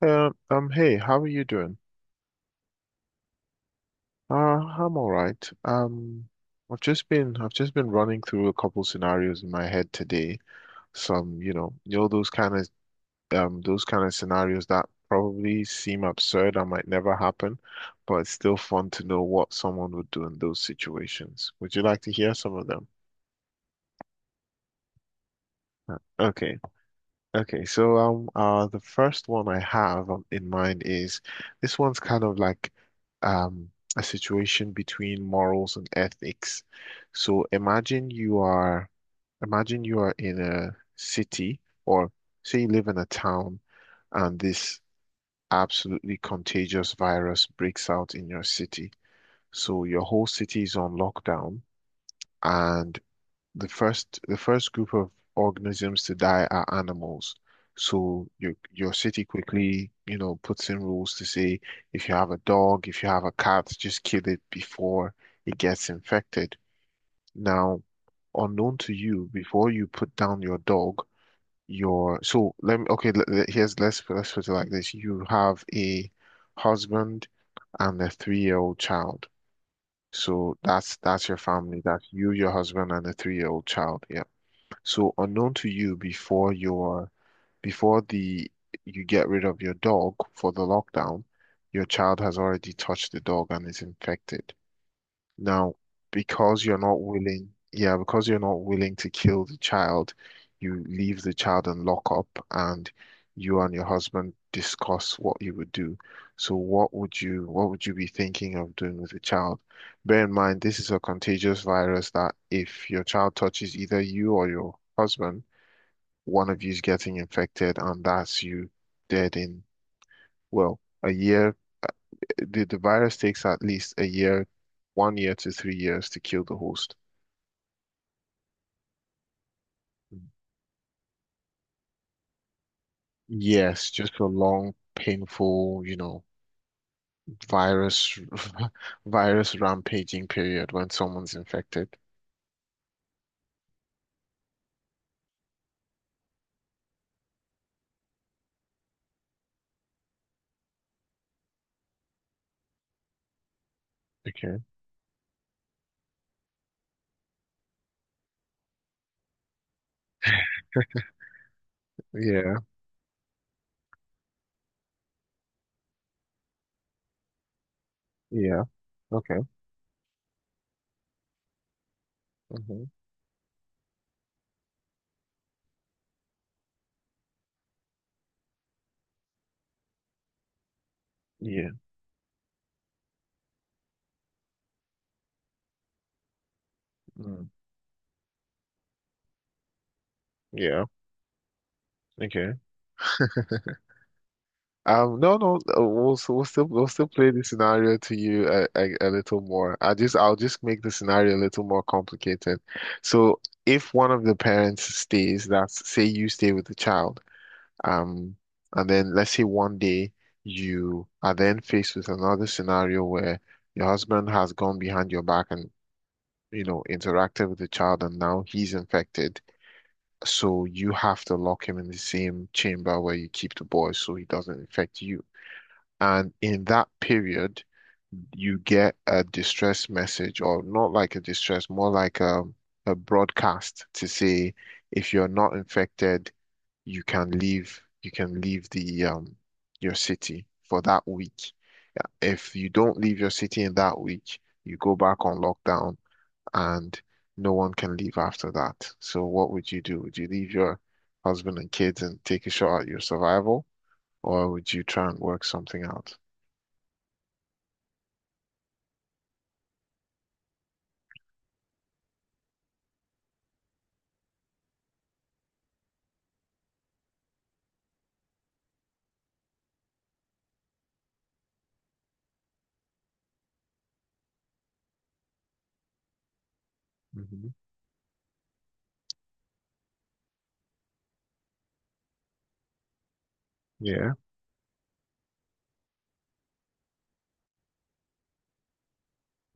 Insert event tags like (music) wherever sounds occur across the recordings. Hey, how are you doing? I'm all right. I've just been running through a couple scenarios in my head today. Some, those kind of scenarios that probably seem absurd and might never happen, but it's still fun to know what someone would do in those situations. Would you like to hear some of them? Okay. Okay, so the first one I have in mind is this one's kind of like um a situation between morals and ethics. So imagine you are in a city, or say you live in a town, and this absolutely contagious virus breaks out in your city. So your whole city is on lockdown, and the first group of organisms to die are animals. So your city quickly, puts in rules to say if you have a dog, if you have a cat, just kill it before it gets infected. Now, unknown to you, before you put down your dog. Your so let me okay, let, let- here's Let's put it like this. You have a husband and a 3-year-old child. So that's your family. That's you, your husband, and a 3-year-old child. Yeah. So unknown to you before your before the you get rid of your dog for the lockdown, your child has already touched the dog and is infected. Now, because you're not willing, yeah, because you're not willing to kill the child, you leave the child in lockup and you and your husband discuss what you would do. So what would you be thinking of doing with the child? Bear in mind, this is a contagious virus that if your child touches either you or your husband, one of you's getting infected and that's you dead in, well, a year. The virus takes at least a year, 1 year to 3 years to kill the host. Yes, just a long, painful, virus (laughs) virus rampaging period when someone's infected. Okay. Yeah. Yeah. Okay. Hmm. Yeah. Mm. Yeah. Okay. No, no, we'll still play the scenario to you a little more. I'll just make the scenario a little more complicated. So if one of the parents stays, that's say you stay with the child, um, and then let's say one day you are then faced with another scenario where your husband has gone behind your back and interacted with the child, and now he's infected. So you have to lock him in the same chamber where you keep the boy so he doesn't infect you. And in that period, you get a distress message, or not like a distress, more like a broadcast to say if you're not infected, you can leave the your city for that week. Yeah, if you don't leave your city in that week, you go back on lockdown and no one can leave after that. So what would you do? Would you leave your husband and kids and take a shot at your survival, or would you try and work something out? Mhm. Yeah.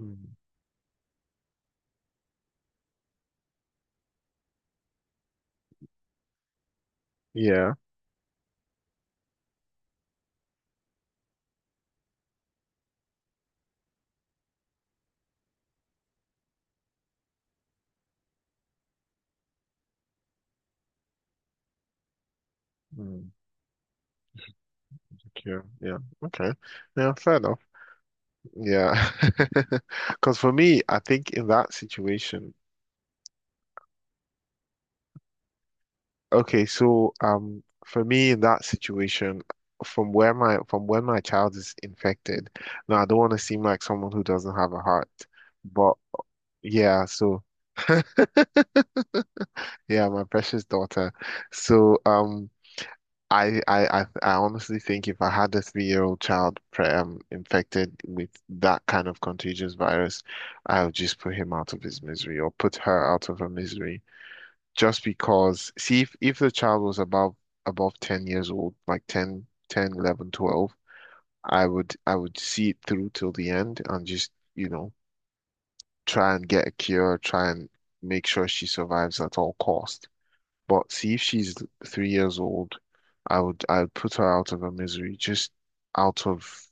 Mm. Yeah. Mm. Okay. Yeah. Okay. Yeah, fair enough. Yeah. (laughs) Because for me, I think in that situation, okay, so for me in that situation, from when my child is infected, now I don't want to seem like someone who doesn't have a heart. But yeah, so (laughs) yeah, my precious daughter. So I honestly think if I had a 3-year-old child pre infected with that kind of contagious virus, I would just put him out of his misery or put her out of her misery. Just because, see, if the child was above 10 years old, like ten, 11, 12, I would see it through till the end and just, try and get a cure, try and make sure she survives at all costs. But see if she's 3 years old, I would put her out of her misery, just out of,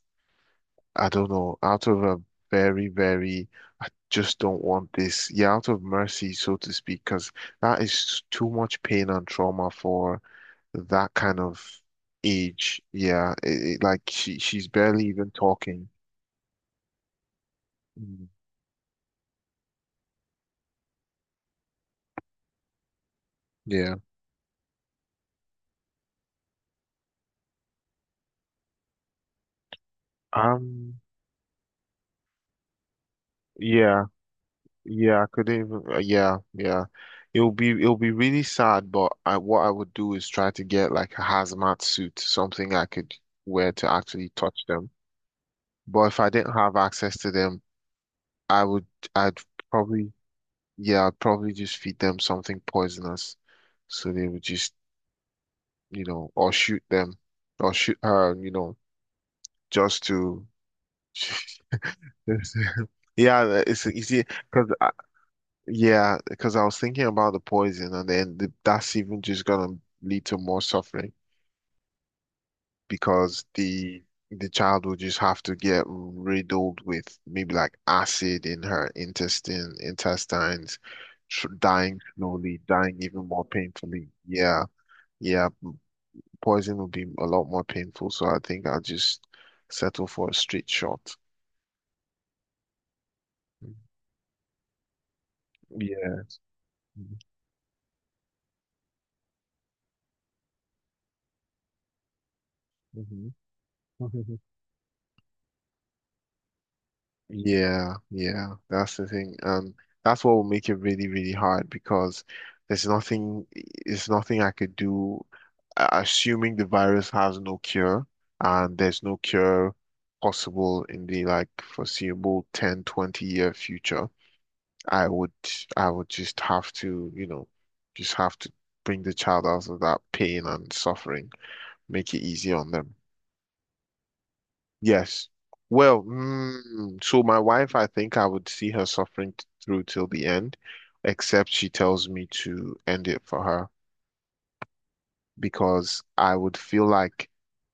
I don't know, out of a very, very, I just don't want this. Yeah, out of mercy, so to speak, because that is too much pain and trauma for that kind of age. Yeah, like she's barely even talking. Mm. Yeah. Um, yeah. Yeah, I couldn't even. Yeah, yeah. It'll be really sad, but I what I would do is try to get like a hazmat suit, something I could wear to actually touch them. But if I didn't have access to them, I would I'd probably yeah, I'd probably just feed them something poisonous, so they would just or shoot them or shoot her, just to. (laughs) Yeah, it's easy because Yeah, because I was thinking about the poison, and then that's even just gonna lead to more suffering because the child will just have to get riddled with maybe like acid in her intestines, tr dying slowly, dying even more painfully. Yeah, yeah, poison will be a lot more painful, so I think I'll just settle for a straight shot. Yeah. Mhm. (laughs) Yeah, yeah, that's the thing. That's what will make it really, really hard because there's nothing, there's nothing I could do, assuming the virus has no cure and there's no cure possible in the like foreseeable 10, 20 year future. I would, I would just have tojust have to bring the child out of that pain and suffering, make it easy on them. Yes. Well, so my wife, I think I would see her suffering through till the end, except she tells me to end it for her because I would feel like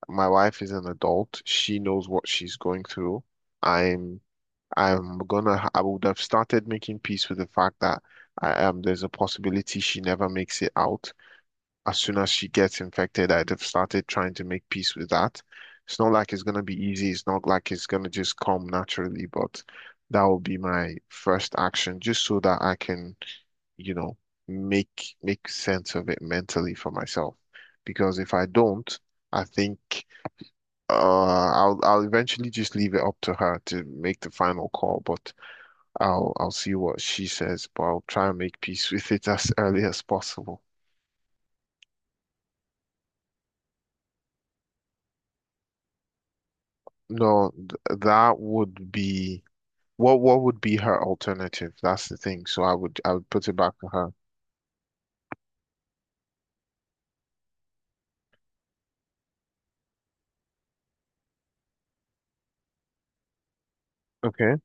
my wife is an adult. She knows what she's going through. I'm I would have started making peace with the fact that I am there's a possibility she never makes it out as soon as she gets infected. I'd have started trying to make peace with that. It's not like it's going to be easy. It's not like it's going to just come naturally, but that will be my first action just so that I can, you know, make sense of it mentally for myself. Because if I don't, I think uh, I'll eventually just leave it up to her to make the final call, but I'll see what she says, but I'll try and make peace (laughs) with it as early as possible. No, th that would be. What would be her alternative? That's the thing. So I would put it back to her. Okay.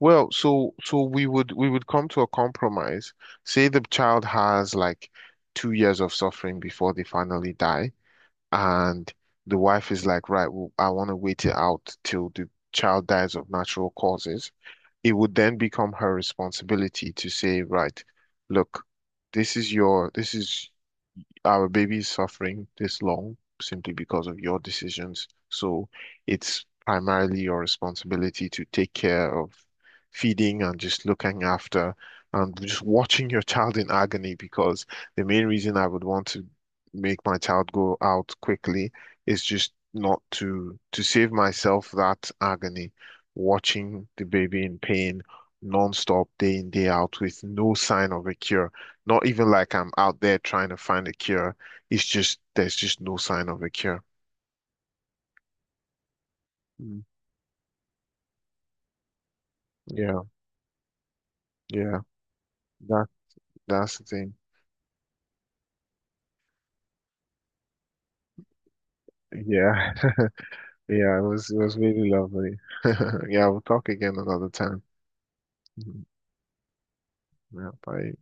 Well, so we would come to a compromise. Say the child has like 2 years of suffering before they finally die, and the wife is like, right, well, I want to wait it out till the child dies of natural causes. It would then become her responsibility to say, right, look, this is your this is our baby is suffering this long simply because of your decisions. So it's primarily your responsibility to take care of feeding and just looking after and just watching your child in agony because the main reason I would want to make my child go out quickly is just not to save myself that agony, watching the baby in pain nonstop, day in, day out, with no sign of a cure. Not even like I'm out there trying to find a cure. It's just there's just no sign of a cure. Mm. Yeah, yeah. That that's the thing. Yeah. (laughs) Yeah, it was really lovely. (laughs) Yeah, we'll talk again another time. Mhm. Yeah, bye.